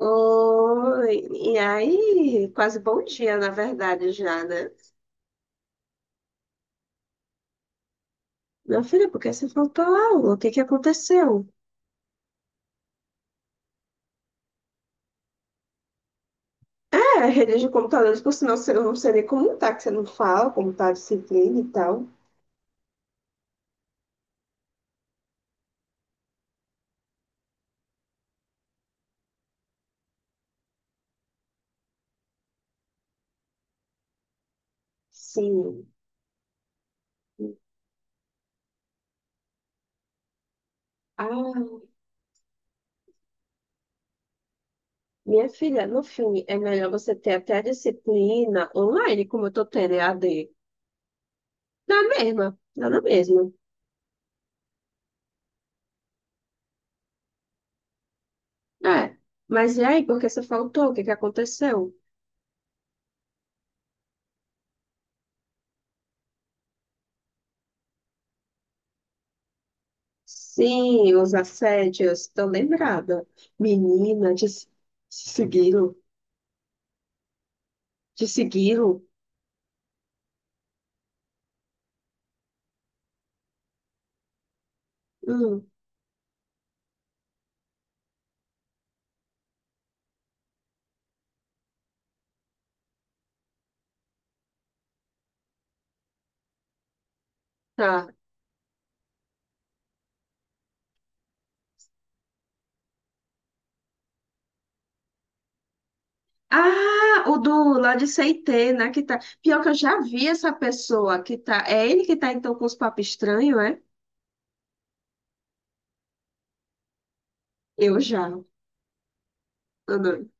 Oi, e aí? Quase bom dia, na verdade, já, né? Meu filho, por que você faltou a aula? O que que aconteceu? É, a rede de computadores, por sinal, eu não sei nem como tá, que você não fala, como tá a disciplina e tal. Sim. Ah, minha filha, no filme é melhor você ter até a disciplina online, como eu tô tendo EAD. Dá na mesma, dá na mesma. É. Mas e aí, por que você faltou? O que que aconteceu? Sim, os assédios, estou lembrada. Menina, de se seguiram, de seguiram. Hum, tá. Ah, o do lá de Seitê, né? Pior que eu já vi essa pessoa que tá. É ele que tá então com os papos estranhos, é? Eu já. Eu não-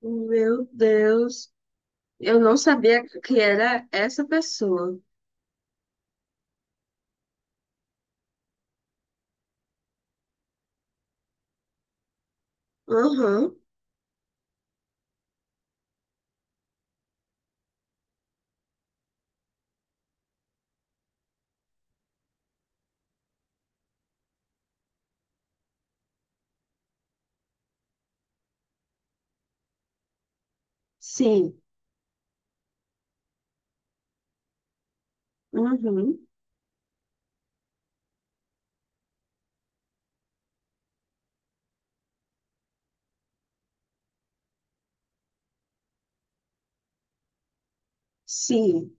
Meu Deus, eu não sabia que era essa pessoa. Uhum, sim, uhum, sim.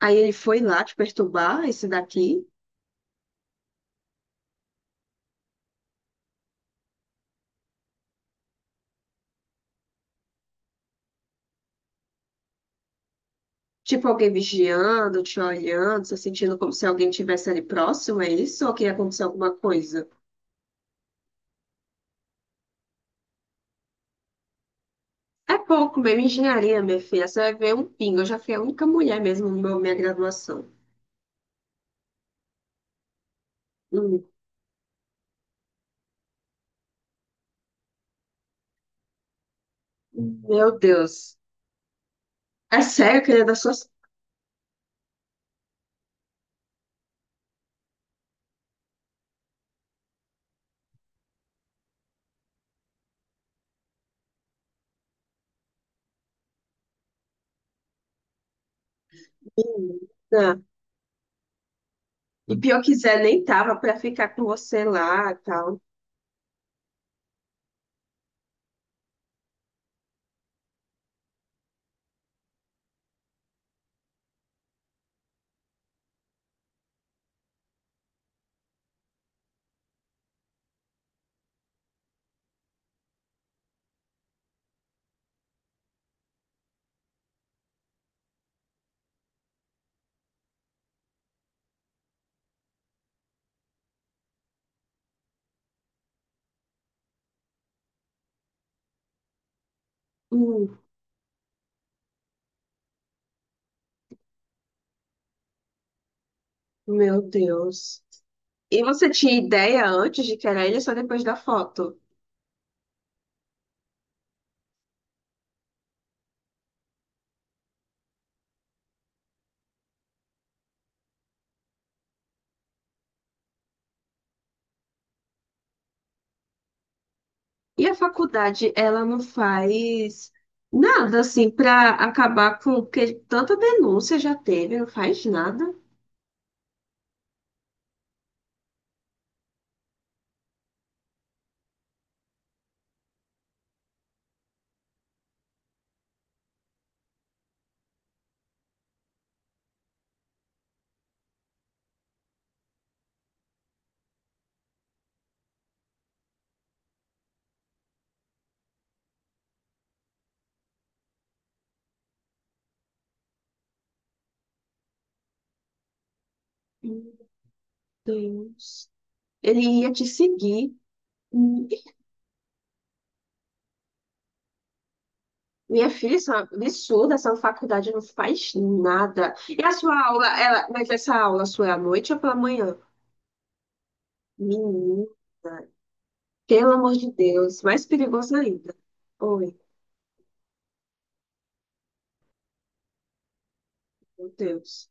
Aí ele foi lá te perturbar, esse daqui. Tipo alguém vigiando, te olhando, se sentindo como se alguém estivesse ali próximo, é isso? Ou que ia acontecer alguma coisa? É pouco mesmo, engenharia, minha filha. Você vai ver um pingo. Eu já fui a única mulher mesmo na minha graduação. Hum, meu Deus. É sério, querida, das suas meninas. E pior quiser, nem tava pra ficar com você lá e tal. Hum, meu Deus. E você tinha ideia antes de que era ele ou só depois da foto? E a faculdade, ela não faz nada assim para acabar com porque tanta denúncia já teve, não faz nada. Meu Deus. Ele ia te seguir. Minha filha, isso é um absurdo, essa faculdade não faz nada. E a sua aula, ela, mas essa aula sua é à noite ou pela manhã? Menina, pelo amor de Deus, mais perigoso ainda. Oi, meu Deus.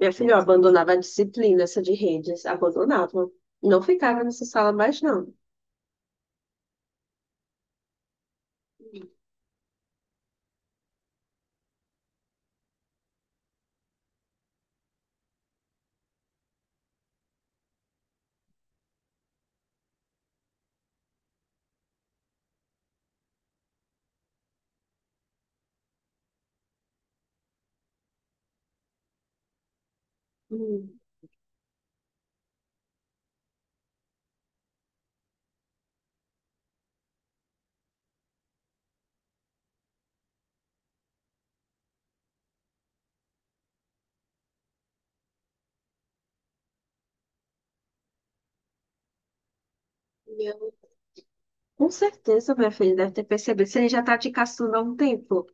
Minha filha, eu abandonava a disciplina, essa de redes, abandonava. Não ficava nessa sala mais, não. Hum. Meu, com certeza, minha filha deve ter percebido. Você já tá te caçando há um tempo.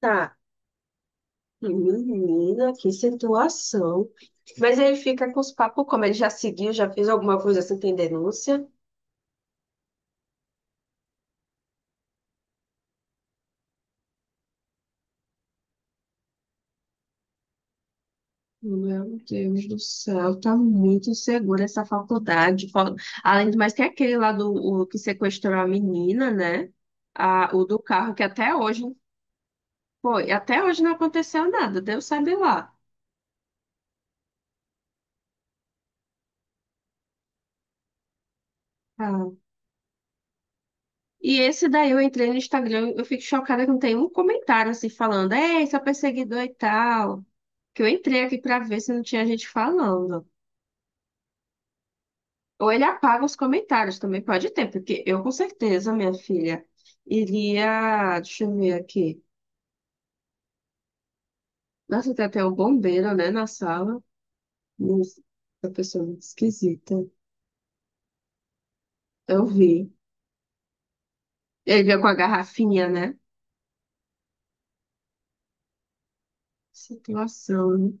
Tá. Menina, que situação. Mas ele fica com os papos, como ele já seguiu, já fez alguma coisa assim, tem denúncia. Meu Deus do céu, tá muito insegura essa faculdade. Além do mais, tem aquele lá do o que sequestrou a menina, né? Ah, o do carro, que até hoje. Foi, até hoje não aconteceu nada, Deus sabe lá. Ah. E esse daí eu entrei no Instagram, eu fico chocada que não tem um comentário assim falando, ei, seu perseguidor e tal. Que eu entrei aqui pra ver se não tinha gente falando. Ou ele apaga os comentários também, pode ter, porque eu com certeza, minha filha, iria. Deixa eu ver aqui. Nossa, tem até um bombeiro, né, na sala. Nossa, essa pessoa é muito esquisita. Eu vi. Ele veio com a garrafinha, né? Situação, né?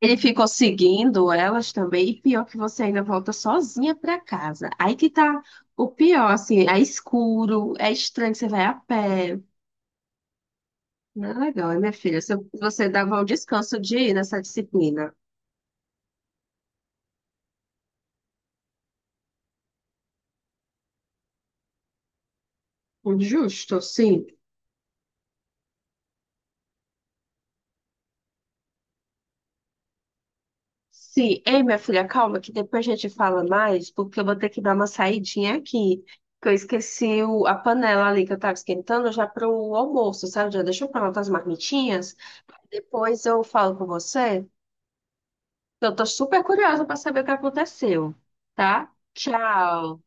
Ele ficou seguindo elas também, e pior que você ainda volta sozinha pra casa. Aí que tá o pior, assim, é escuro, é estranho, você vai a pé. Não é legal, hein, minha filha? Se você dava um descanso de ir nessa disciplina. Justo, sim. Sim. Ei, minha filha, calma, que depois a gente fala mais, porque eu vou ter que dar uma saidinha aqui. Que eu esqueci a panela ali que eu tava esquentando já pro almoço, sabe? Já deixou pra lá as marmitinhas. Depois eu falo com você. Então, eu tô super curiosa para saber o que aconteceu, tá? Tchau.